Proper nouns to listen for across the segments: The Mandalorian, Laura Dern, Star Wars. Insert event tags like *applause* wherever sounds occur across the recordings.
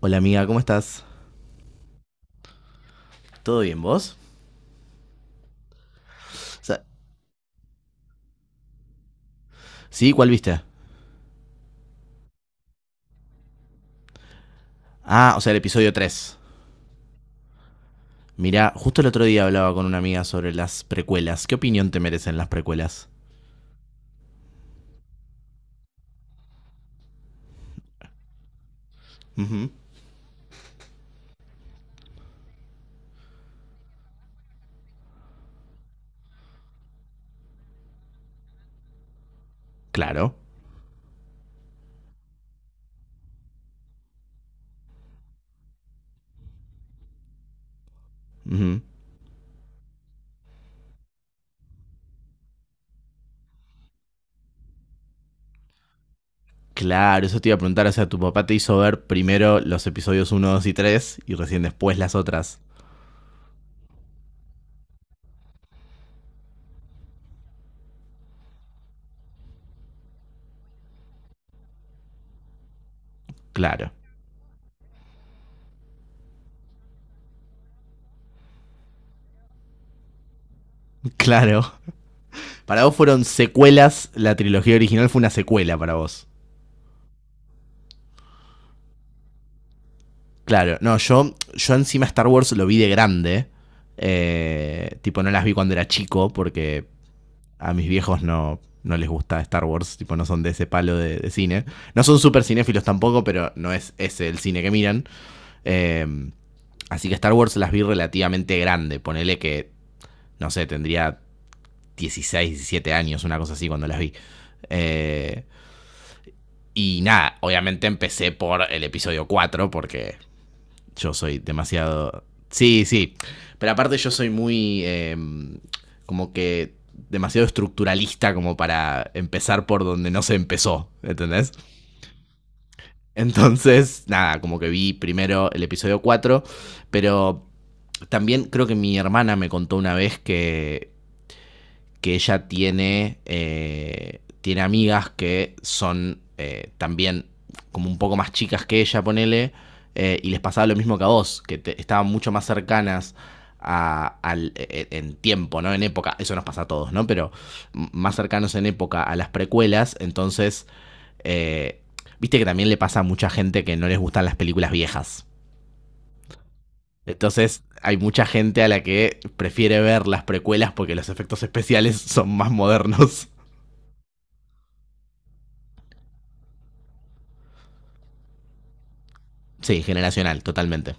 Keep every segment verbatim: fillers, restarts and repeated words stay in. Hola amiga, ¿cómo estás? ¿Todo bien vos? O sea, ¿sí? ¿Cuál viste? Ah, o sea, el episodio tres. Mirá, justo el otro día hablaba con una amiga sobre las precuelas. ¿Qué opinión te merecen las precuelas? Ujú. Claro. Ujú. Claro, eso te iba a preguntar. O sea, tu papá te hizo ver primero los episodios uno, dos y tres y recién después las otras. Claro. *laughs* Claro. Para vos fueron secuelas, la trilogía original fue una secuela para vos. Claro, no, yo, yo encima Star Wars lo vi de grande. Eh, tipo, no las vi cuando era chico porque a mis viejos no, no les gusta Star Wars, tipo, no son de ese palo de, de cine. No son súper cinéfilos tampoco, pero no es ese el cine que miran. Eh, Así que Star Wars las vi relativamente grande. Ponele que, no sé, tendría dieciséis, diecisiete años, una cosa así cuando las vi. Eh, y nada, obviamente empecé por el episodio cuatro porque yo soy demasiado. Sí, sí. Pero aparte yo soy muy, eh, como que demasiado estructuralista como para empezar por donde no se empezó, ¿entendés? Entonces, nada, como que vi primero el episodio cuatro, pero también creo que mi hermana me contó una vez que que ella tiene, eh, tiene amigas que son eh, también como un poco más chicas que ella, ponele, eh, y les pasaba lo mismo que a vos, que te- estaban mucho más cercanas a- al, e- e, en tiempo, ¿no? En época, eso nos pasa a todos, ¿no? Pero más cercanos en época a las precuelas, entonces, eh, viste que también le pasa a mucha gente que no les gustan las películas viejas. Entonces hay mucha gente a la que prefiere ver las precuelas porque los efectos especiales *laughs* son más modernos. Sí, generacional, totalmente.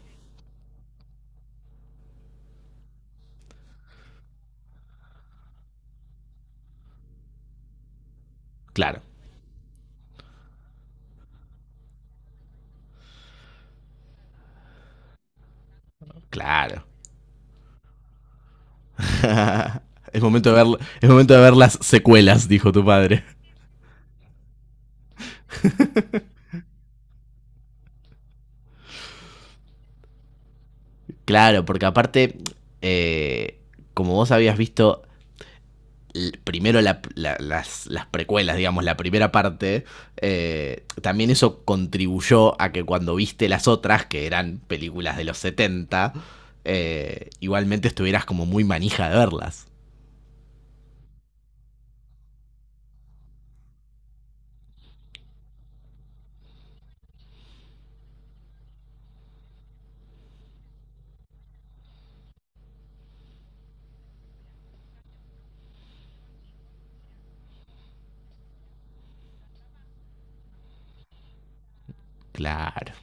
Claro, claro. *laughs* es, momento de ver, es momento de ver las secuelas, dijo tu padre. Claro, porque aparte, eh, como vos habías visto primero la- la- las, las precuelas, digamos, la primera parte, eh, también eso contribuyó a que cuando viste las otras, que eran películas de los setenta, eh, igualmente estuvieras como muy manija de verlas. Claro.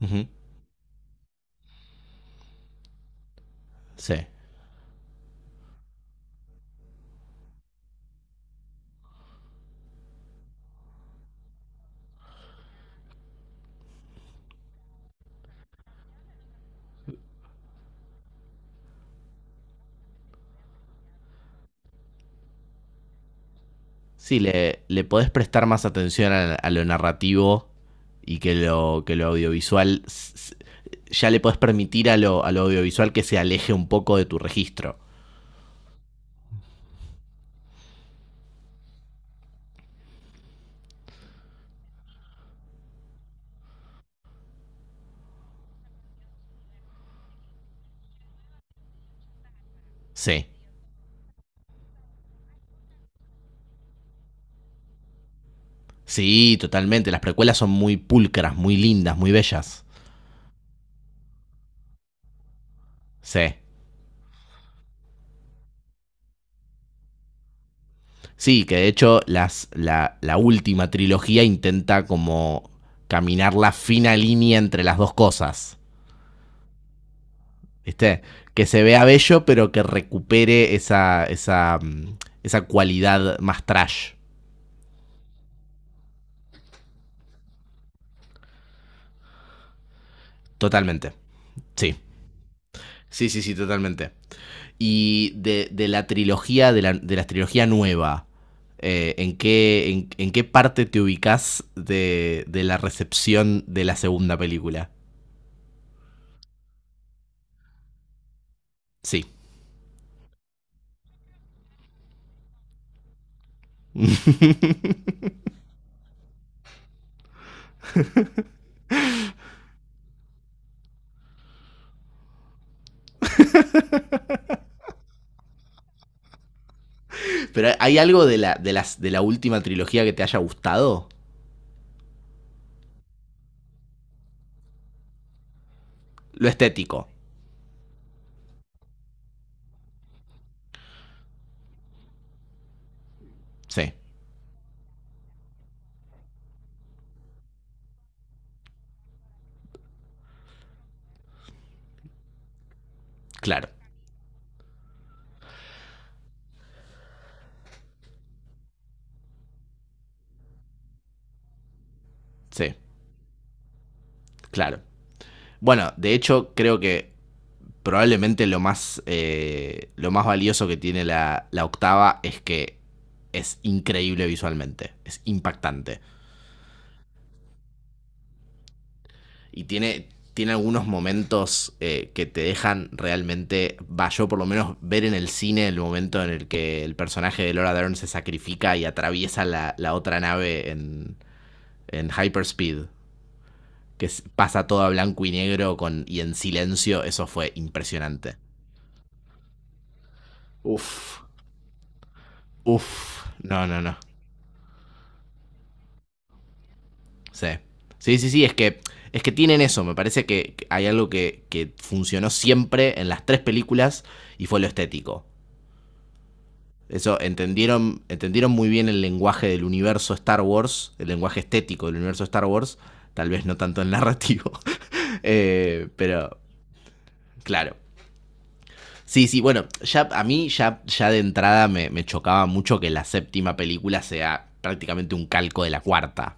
Ujú. Sí. Sí, le, le podés prestar más atención a, a lo narrativo y que lo, que lo audiovisual s- ya le podés permitir a lo, a lo audiovisual que se aleje un poco de tu registro. Sí. Sí, totalmente. Las precuelas son muy pulcras, muy lindas, muy bellas. Sí. Sí, que de hecho las, la, la última trilogía intenta como caminar la fina línea entre las dos cosas. ¿Viste? Que se vea bello, pero que recupere esa, esa, mm, esa cualidad más trash. Totalmente. Sí. Sí, sí, sí, totalmente. Y de, de la trilogía, de la, de la trilogía nueva, eh, ¿en, qué, en, en qué parte te ubicas de, de, la recepción de la segunda película? Sí. *laughs* Pero ¿hay algo de la, de, las, de la última trilogía que te haya gustado? Lo estético. Sí, claro. Sí, claro. Bueno, de hecho, creo que probablemente lo más, eh, lo más valioso que tiene la, la octava es que es increíble visualmente, es impactante. Y tiene, tiene algunos momentos eh, que te dejan realmente, va, yo por lo menos ver en el cine el momento en el que el personaje de Laura Dern se sacrifica y atraviesa la, la otra nave en, en hyperspeed, que es- pasa todo a blanco y negro con, y en silencio, eso fue impresionante. Uf, uf, no, no, no. Sí. Sí, sí, sí, es que, es que tienen eso. Me parece que que hay algo que, que funcionó siempre en las tres películas y fue lo estético. Eso entendieron, entendieron muy bien el lenguaje del universo Star Wars, el lenguaje estético del universo Star Wars, tal vez no tanto el narrativo. *laughs* Eh, pero, claro. Sí, sí, bueno, ya a mí ya, ya de entrada me, me chocaba mucho que la séptima película sea prácticamente un calco de la cuarta.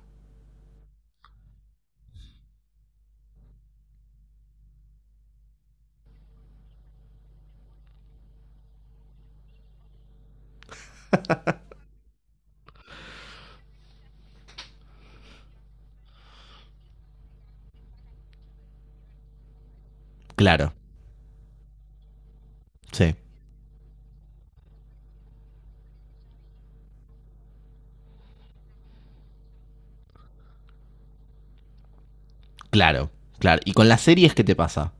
Claro, sí. Claro, claro. ¿Y con las series qué te pasa?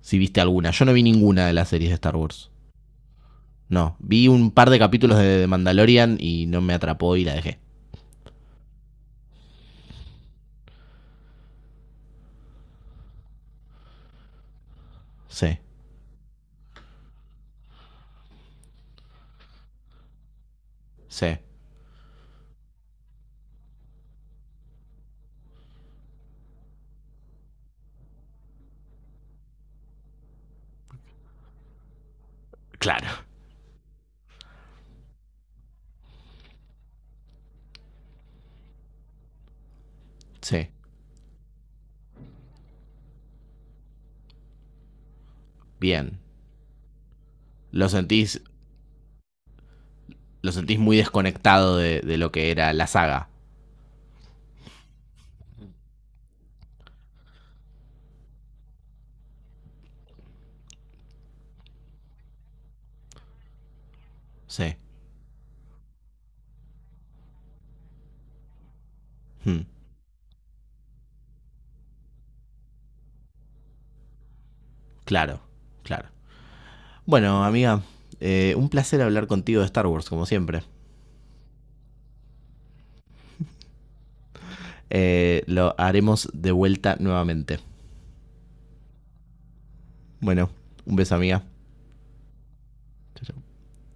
Si viste alguna. Yo no vi ninguna de las series de Star Wars. No, vi un par de capítulos de The Mandalorian y no me atrapó y la dejé. Sí, sí. Claro. Sí. Bien. Lo sentís, lo sentís muy desconectado de, de, lo que era la saga. Sí. Hmm. Claro, claro. Bueno, amiga, eh, un placer hablar contigo de Star Wars, como siempre. Eh, lo haremos de vuelta nuevamente. Bueno, un beso, amiga. Chau, chau.